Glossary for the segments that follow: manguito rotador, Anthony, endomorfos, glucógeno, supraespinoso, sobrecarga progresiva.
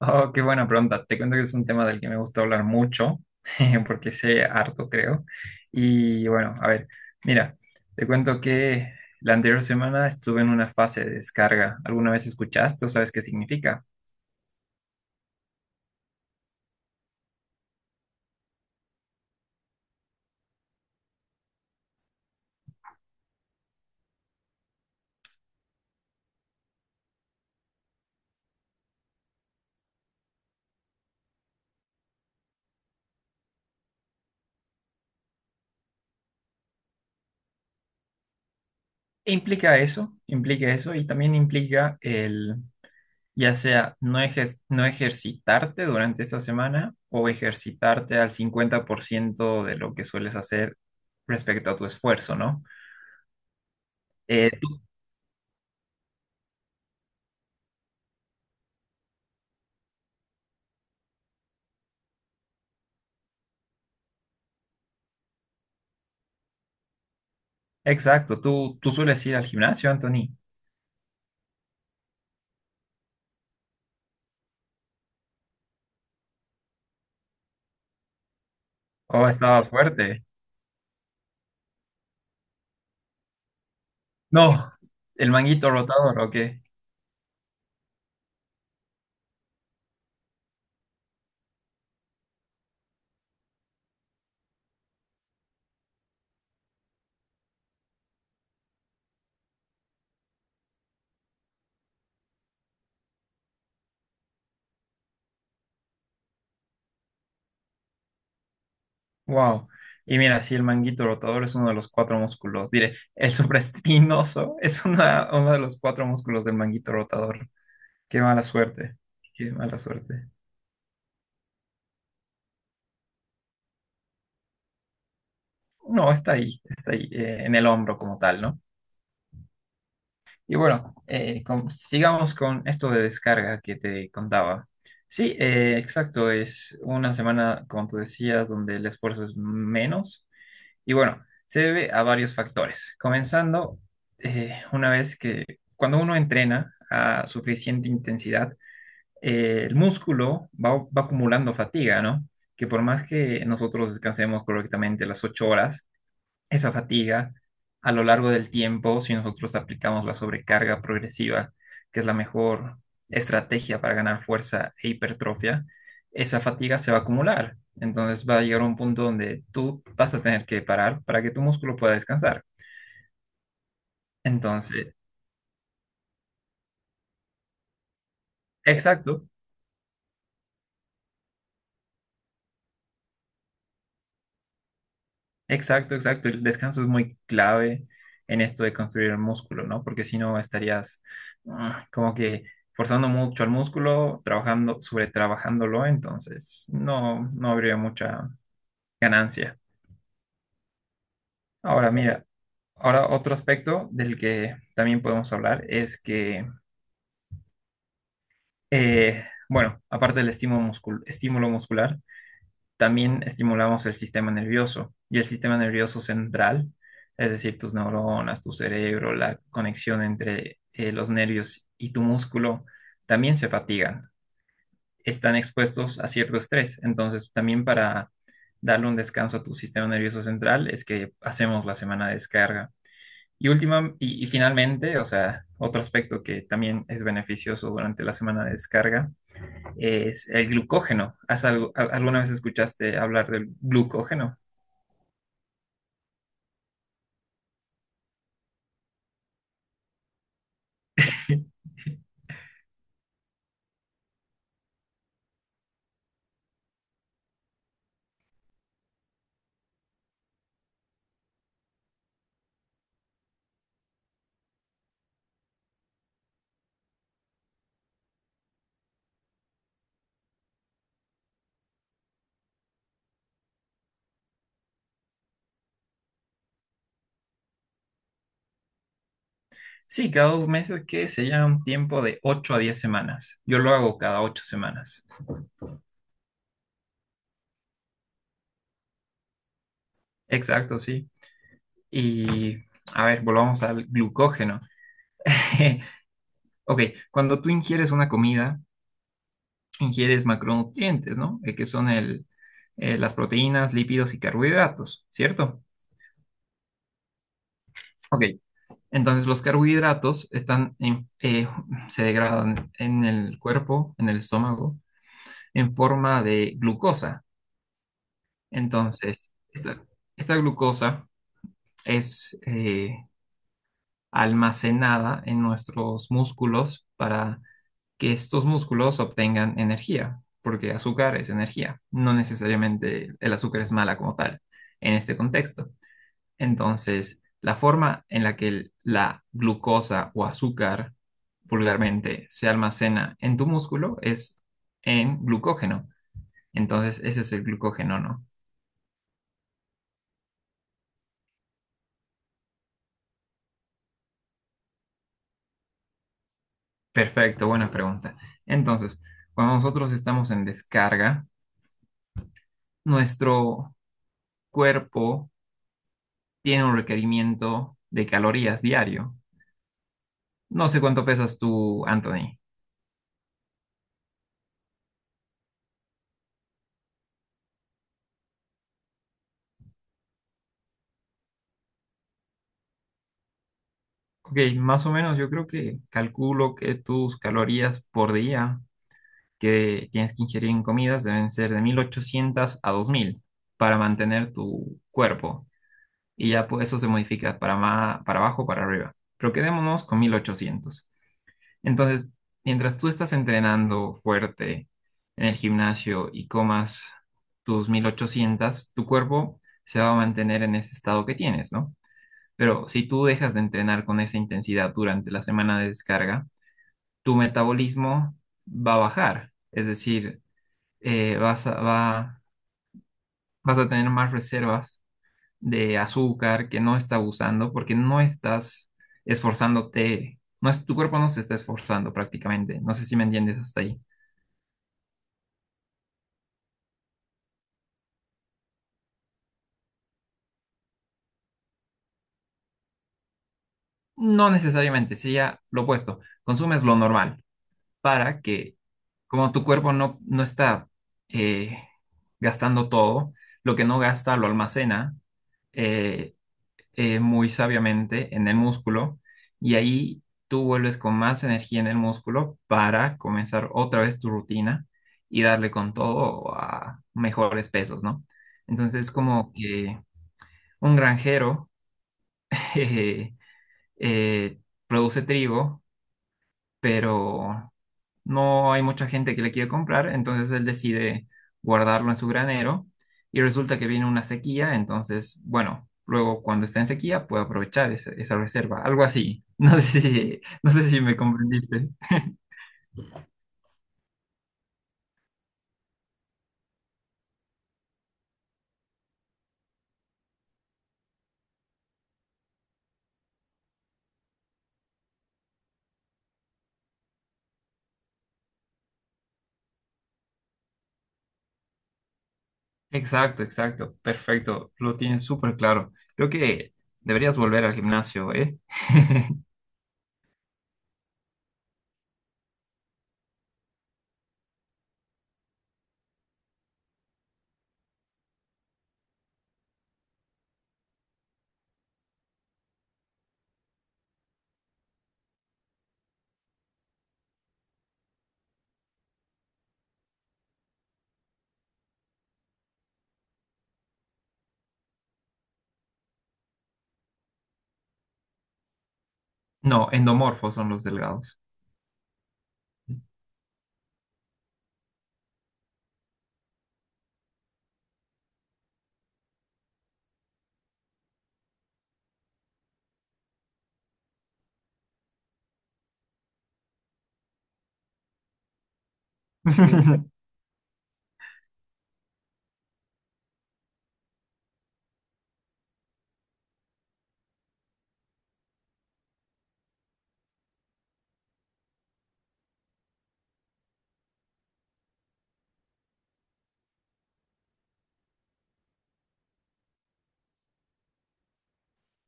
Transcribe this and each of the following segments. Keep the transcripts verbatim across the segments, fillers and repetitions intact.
Oh, qué buena pregunta. Te cuento que es un tema del que me gusta hablar mucho, porque sé harto, creo. Y bueno, a ver, mira, te cuento que la anterior semana estuve en una fase de descarga. ¿Alguna vez escuchaste o sabes qué significa? Implica eso, implica eso y también implica el, ya sea no ejes- no ejercitarte durante esa semana o ejercitarte al cincuenta por ciento de lo que sueles hacer respecto a tu esfuerzo, ¿no? Eh, Exacto, tú, tú sueles ir al gimnasio, Anthony. Oh, estabas fuerte. No, el manguito rotador, ok. Wow. Y mira, sí, el manguito rotador es uno de los cuatro músculos. Diré, el supraespinoso es una, uno de los cuatro músculos del manguito rotador. Qué mala suerte. Qué mala suerte. No, está ahí, está ahí, eh, en el hombro como tal, ¿no? Y bueno, eh, con- sigamos con esto de descarga que te contaba. Sí, eh, exacto, es una semana, como tú decías, donde el esfuerzo es menos. Y bueno, se debe a varios factores. Comenzando, eh, una vez que cuando uno entrena a suficiente intensidad, eh, el músculo va, va acumulando fatiga, ¿no? Que por más que nosotros descansemos correctamente las ocho horas, esa fatiga, a lo largo del tiempo, si nosotros aplicamos la sobrecarga progresiva, que es la mejor estrategia para ganar fuerza e hipertrofia, esa fatiga se va a acumular. Entonces va a llegar a un punto donde tú vas a tener que parar para que tu músculo pueda descansar. Entonces, exacto. Exacto, exacto. El descanso es muy clave en esto de construir el músculo, ¿no? Porque si no estarías ah, como que forzando mucho al músculo, trabajando, sobretrabajándolo, entonces no, no habría mucha ganancia. Ahora, mira, ahora otro aspecto del que también podemos hablar es que, eh, bueno, aparte del estímulo muscul- estímulo muscular, también estimulamos el sistema nervioso y el sistema nervioso central, es decir, tus neuronas, tu cerebro, la conexión entre eh, los nervios y tu músculo, también se fatigan, están expuestos a cierto estrés. Entonces, también para darle un descanso a tu sistema nervioso central es que hacemos la semana de descarga. Y última, y, y finalmente, o sea, otro aspecto que también es beneficioso durante la semana de descarga es el glucógeno. ¿Has algo- a- Alguna vez escuchaste hablar del glucógeno? Sí, cada dos meses que se llama un tiempo de ocho a diez semanas. Yo lo hago cada ocho semanas. Exacto, sí. Y a ver, volvamos al glucógeno. Ok, cuando tú ingieres una comida, ingieres macronutrientes, ¿no? Eh, que son el, eh, las proteínas, lípidos y carbohidratos, ¿cierto? Ok, entonces los carbohidratos están en- eh, se degradan en el cuerpo, en el estómago, en forma de glucosa. Entonces, esta, esta glucosa es eh, almacenada en nuestros músculos para que estos músculos obtengan energía, porque azúcar es energía. No necesariamente el azúcar es mala como tal en este contexto. Entonces, la forma en la que el- la glucosa o azúcar vulgarmente se almacena en tu músculo es en glucógeno. Entonces, ese es el glucógeno, ¿no? Perfecto, buena pregunta. Entonces, cuando nosotros estamos en descarga, nuestro cuerpo tiene un requerimiento de calorías diario. No sé cuánto pesas tú, Anthony. Ok, más o menos yo creo que calculo que tus calorías por día que tienes que ingerir en comidas deben ser de mil ochocientas a dos mil para mantener tu cuerpo. Y ya pues, eso se modifica para, ma- para abajo, para arriba. Pero quedémonos con mil ochocientos. Entonces, mientras tú estás entrenando fuerte en el gimnasio y comas tus mil ochocientos, tu cuerpo se va a mantener en ese estado que tienes, ¿no? Pero si tú dejas de entrenar con esa intensidad durante la semana de descarga, tu metabolismo va a bajar. Es decir, eh, vas a, va- vas a tener más reservas de azúcar que no está usando porque no estás esforzándote, no es, tu cuerpo no se está esforzando prácticamente. No sé si me entiendes hasta ahí. No necesariamente, sería lo opuesto. Consumes lo normal para que, como tu cuerpo no, no está eh, gastando todo, lo que no gasta lo almacena eh, eh, muy sabiamente en el músculo y ahí tú vuelves con más energía en el músculo para comenzar otra vez tu rutina y darle con todo a mejores pesos, ¿no? Entonces, como que un granjero eh, eh, produce trigo, pero no hay mucha gente que le quiere comprar, entonces él decide guardarlo en su granero y resulta que viene una sequía, entonces, bueno, luego cuando está en sequía puede aprovechar esa, esa reserva, algo así. No sé si, no sé si me comprendiste. Exacto, exacto, perfecto, lo tienes súper claro. Creo que deberías volver al gimnasio, ¿eh? No, endomorfos son los delgados.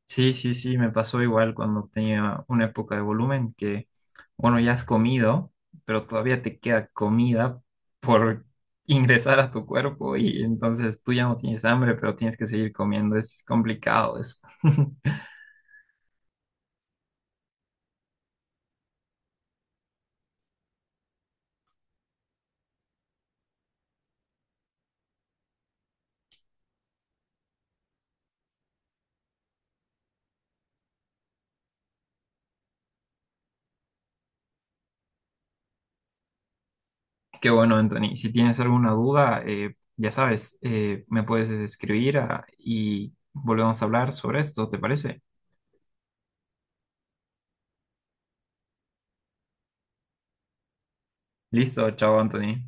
Sí, sí, sí, me pasó igual cuando tenía una época de volumen que, bueno, ya has comido, pero todavía te queda comida por ingresar a tu cuerpo y entonces tú ya no tienes hambre, pero tienes que seguir comiendo. Es complicado eso. Qué bueno, Anthony. Si tienes alguna duda, eh, ya sabes, eh, me puedes escribir a- y volvemos a hablar sobre esto, ¿te parece? Listo, chao, Anthony.